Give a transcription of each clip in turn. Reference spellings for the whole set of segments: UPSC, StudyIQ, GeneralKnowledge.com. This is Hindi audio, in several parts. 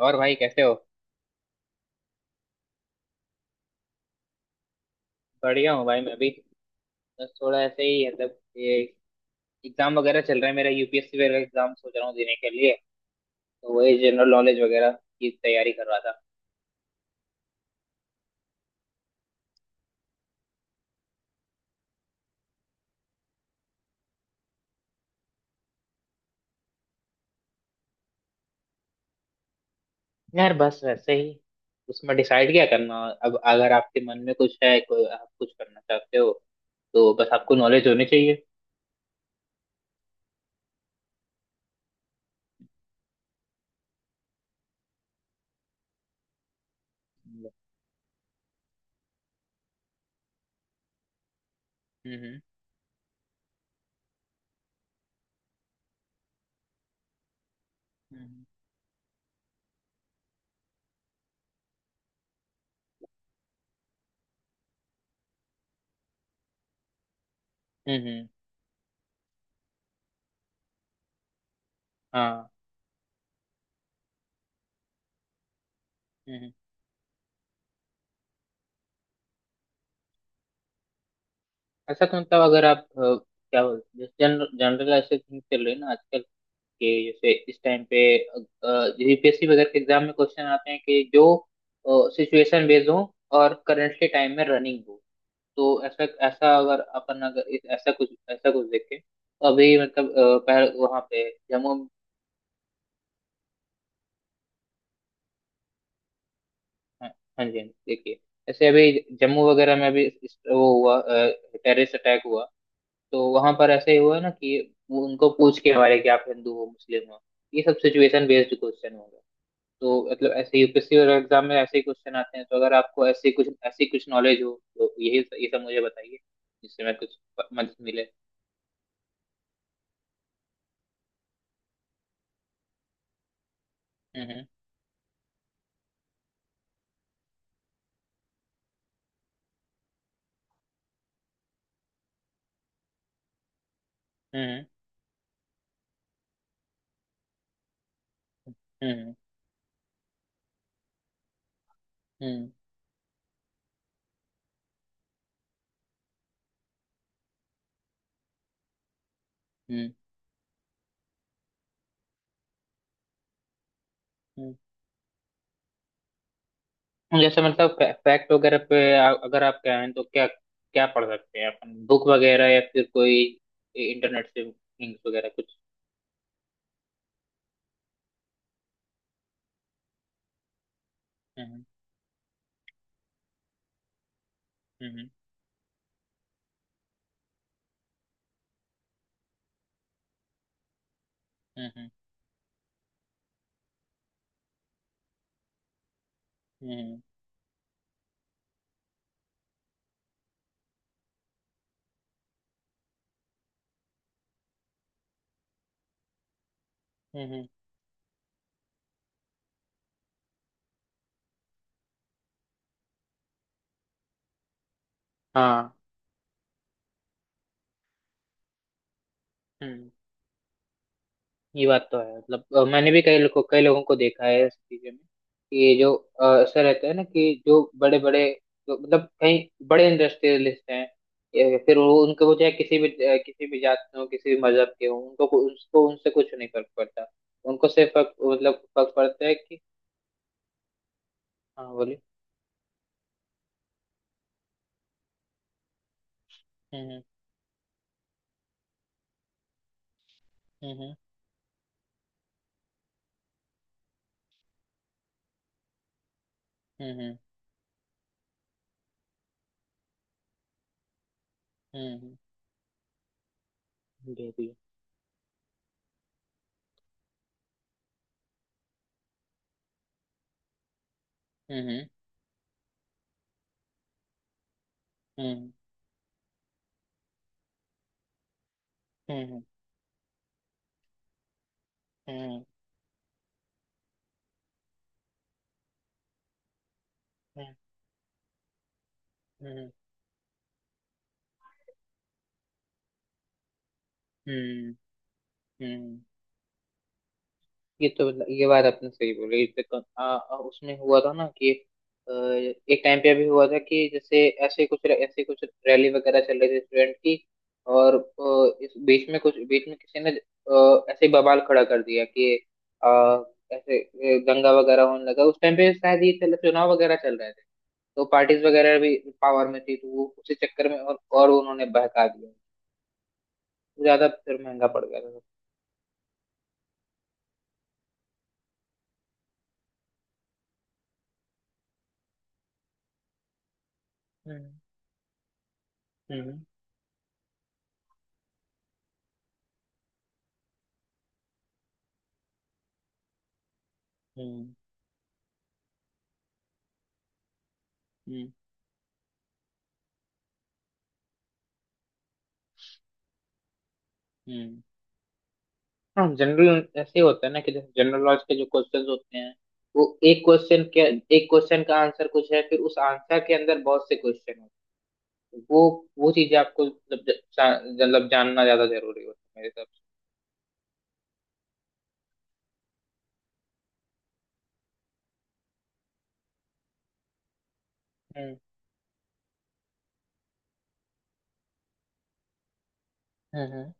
और भाई कैसे हो? बढ़िया हूँ भाई मैं भी। बस थोड़ा ऐसे ही मतलब ये एग्जाम वगैरह चल रहा है मेरा यूपीएससी वगैरह एग्जाम सोच रहा हूँ देने के लिए। तो वही जनरल नॉलेज वगैरह की तैयारी कर रहा था। यार बस वैसे ही उसमें डिसाइड क्या करना। अब अगर आपके मन में कुछ है कोई आप कुछ करना चाहते हो तो बस आपको नॉलेज होनी चाहिए। हम्म। हम्म। हम्म। हाँ। हम्म। अच्छा तो मतलब अगर आप क्या जनरल जनरल ऐसे थिंग चल रही है ना आजकल? कि जैसे इस टाइम पे यूपीएससी वगैरह के एग्जाम में क्वेश्चन आते हैं कि जो सिचुएशन बेस्ड हो और करंटली टाइम में रनिंग हो। तो ऐसा ऐसा अगर अपन अगर इस- ऐसा कुछ देखें तो अभी मतलब पहल वहाँ पे जम्मू। हाँ। हाँ जी हाँ जी, देखिए। ऐसे अभी जम्मू वगैरह में अभी वो हुआ टेररिस्ट अटैक हुआ। तो वहां पर ऐसे ही हुआ ना कि वो उनको पूछ के हमारे कि आप हिंदू हो मुस्लिम हो। ये सब सिचुएशन बेस्ड क्वेश्चन हो। तो मतलब ऐसे यूपीएससी और एग्जाम में ऐसे ही क्वेश्चन आते हैं तो अगर आपको ऐसे कुछ ऐसी कुछ नॉलेज हो तो यही ये सब मुझे बताइए जिससे मैं कुछ मदद मिले। हम्म। हम्म। हम्म। हम्म। हम्म। हम्म। हम्म। जैसे मतलब फैक्ट वगैरह पे अगर आप कहें तो क्या क्या पढ़ सकते हैं अपन बुक वगैरह या फिर कोई इंटरनेट से लिंक्स वगैरह कुछ। हम्म। हम्म। हम्म। हम्म। हम्म। हम्म, हम्म, हाँ। हम्म। ये बात तो है मतलब मैंने भी कई लोगों को देखा है इस चीज़ में कि जो ऐसा रहता है ना कि जो बड़े बड़े जो मतलब कहीं बड़े इंडस्ट्रियलिस्ट हैं। या फिर वो उनको वो चाहे किसी भी किसी भी जात के हों किसी भी मजहब के हों उनको उनको उनसे कुछ नहीं फर्क पड़ता। उनको सिर्फ फर्क पड़ता है कि। हाँ बोलिए। हम्म। हम्म। हम्म। हम्म। हम्म। हम्म। बेबी। हम्म। हम्म। हम्म। हम्म। हम्म। हम्म। हम्म। हम्म। हम्म। ये बात आपने सही बोली इस पे कन- आ, आ, उसमें हुआ था ना कि एक टाइम पे अभी हुआ था कि जैसे ऐसे कुछ रैली वगैरह चल रही थी स्टूडेंट की। और इस बीच में कुछ बीच में किसी ने ऐसे ही बवाल खड़ा कर दिया कि अ, ऐसे दंगा वगैरह होने लगा उस टाइम पे शायद ये चल चुनाव वगैरह चल रहे थे। तो पार्टीज वगैरह भी पावर में थी तो वो उसी चक्कर में और उन्होंने बहका दिया। ज्यादा फिर महंगा पड़ गया था। हम्म। हम्म। हम्म। हम्म। हम्म। हाँ जनरल ऐसे होता है ना कि जैसे जनरल नॉलेज के जो क्वेश्चंस होते हैं वो एक क्वेश्चन के एक क्वेश्चन का आंसर कुछ है फिर उस आंसर के अंदर बहुत से क्वेश्चन होते हैं वो चीजें आपको मतलब जानना ज्यादा जरूरी होता है मेरे हिसाब से। हम्म। हम्म।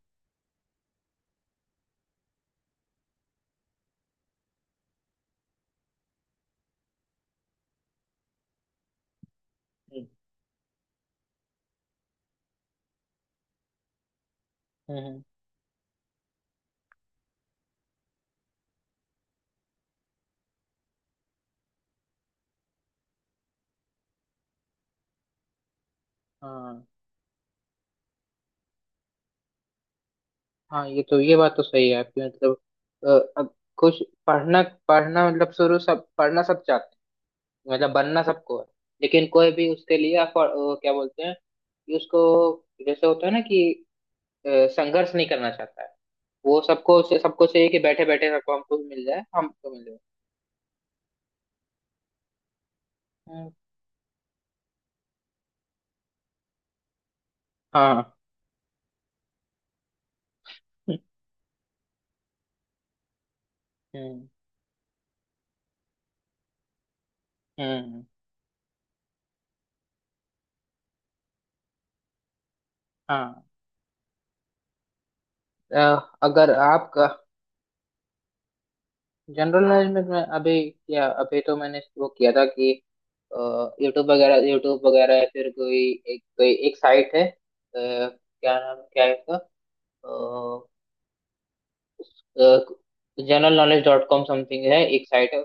हम्म। हम्म, हम्म, हाँ। हाँ। ये बात तो सही है आपकी मतलब अ, अब कुछ पढ़ना पढ़ना मतलब शुरू सब पढ़ना सब चाहते हैं मतलब बनना सबको है लेकिन कोई भी उसके लिए क्या बोलते हैं कि उसको जैसे होता है ना कि संघर्ष नहीं करना चाहता है वो सबको सबको चाहिए कि बैठे बैठे सबको हमको भी मिल जाए हमको मिल जाए। हम्म, हाँ। हम्म। हम्म। हाँ। अ, अगर आपका जनरल नॉलेज में मैं अभी तो मैंने वो किया था कि यूट्यूब वगैरह या फिर कोई एक साइट है क्या है इसका generalknowledge.com समथिंग है एक साइट है।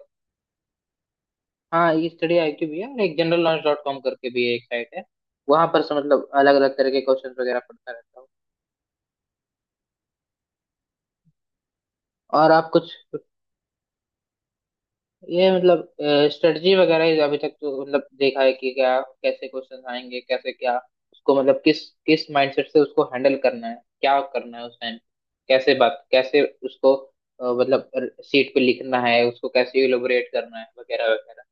हाँ ये स्टडी आईक्यू भी है और एक generalknowledge.com करके भी एक साइट है। वहां पर से मतलब अलग अलग तरह के क्वेश्चन वगैरह पढ़ता रहता हूँ। और आप कुछ। ये मतलब स्ट्रेटजी वगैरह ही अभी तक तो मतलब देखा है कि क्या कैसे क्वेश्चन आएंगे कैसे क्या उसको मतलब किस किस माइंडसेट से उसको हैंडल करना है क्या करना है उस टाइम कैसे उसको मतलब सीट पे लिखना है उसको कैसे इलोबरेट करना है वगैरह वगैरह।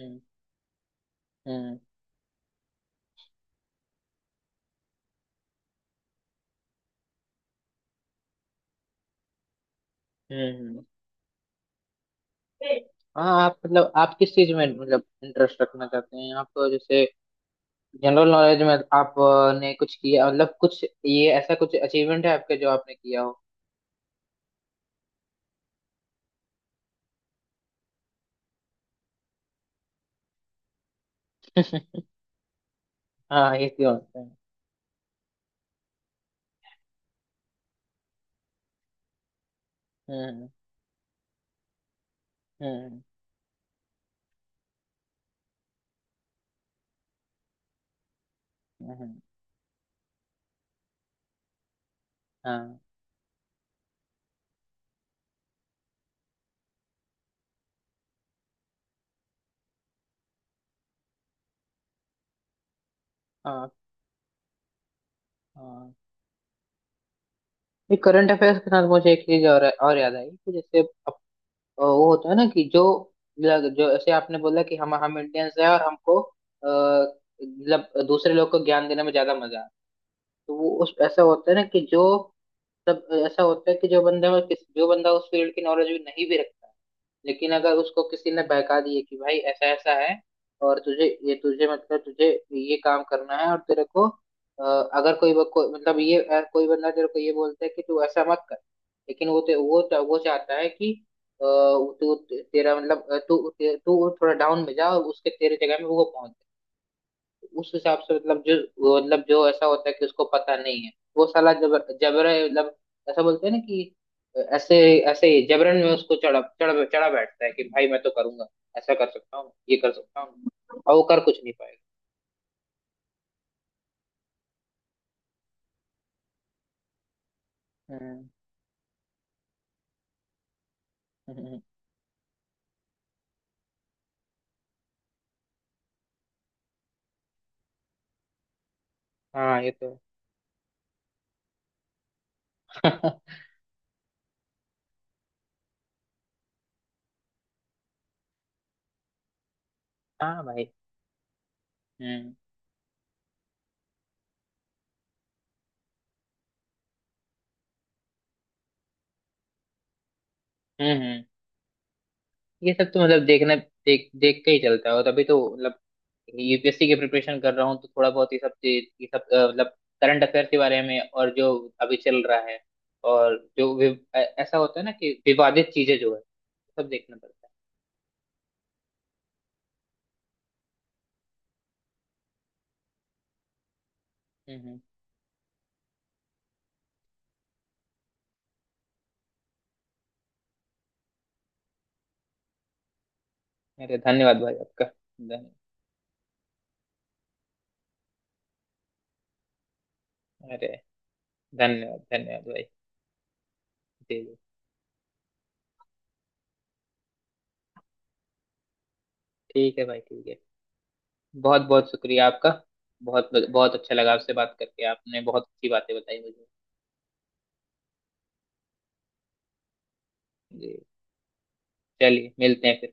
हम्म। हम्म। हम्म। हाँ। आप किस चीज में मतलब इंटरेस्ट रखना चाहते हैं आप जैसे जनरल नॉलेज में आपने कुछ किया मतलब कुछ ये ऐसा कुछ अचीवमेंट है आपके जो आपने किया हो। हाँ ये क्यों होता है? हम्म। हम्म। हम्म, हाँ। हाँ। हाँ। ये करंट अफेयर्स के साथ मुझे एक चीज और याद आई कि जैसे वो होता है ना कि जो ऐसे आपने बोला कि हम इंडियंस हैं और हमको मतलब दूसरे लोग को ज्ञान देने में ज्यादा मजा आता है। तो वो उस ऐसा होता है ना कि जो तब ऐसा होता है कि जो बंदा उस फील्ड की नॉलेज भी नहीं भी रखता लेकिन अगर उसको किसी ने बहका दिए कि भाई ऐसा ऐसा है और तुझे ये काम करना है और तेरे को अगर कोई ब- कोई- मतलब ये अ, कोई बंदा तेरे को ये बोलता है कि तू ऐसा मत कर। लेकिन वो ते, वो चा- वो चाहता है कि अ, तू तेरा मतलब अ, तू तू थोड़ा डाउन में जा और उसके तेरे जगह में वो पहुंच। उस हिसाब से मतलब जो वो मतलब जो ऐसा होता है कि उसको पता नहीं है वो साला जबर जबर मतलब ऐसा बोलते हैं ना कि ऐसे ऐसे ही जबरन में उसको चढ़ा चढ़ा चढ़ा बैठता है कि भाई मैं तो करूंगा ऐसा कर सकता हूँ ये कर सकता हूँ और वो कर कुछ नहीं पाएगा। हम्म, हम्म, हाँ ये तो है। हाँ भाई। हम्म। हम्म। हम्म। ये सब तो मतलब देखना देख देख के ही चलता है और तभी तो मतलब यूपीएससी की प्रिपरेशन कर रहा हूँ तो थोड़ा बहुत ये सब मतलब करंट अफेयर के बारे में और जो अभी चल रहा है और जो ऐसा होता है ना कि विवादित चीजें जो है सब देखना पड़ता है। हम्म। हम्म। अरे धन्यवाद भाई आपका धन्य अरे धन्यवाद धन्यवाद भाई। जी जी ठीक है भाई ठीक है बहुत बहुत शुक्रिया आपका। बहुत बहुत अच्छा लगा आपसे बात करके आपने बहुत अच्छी बातें बताई मुझे। जी चलिए मिलते हैं फिर।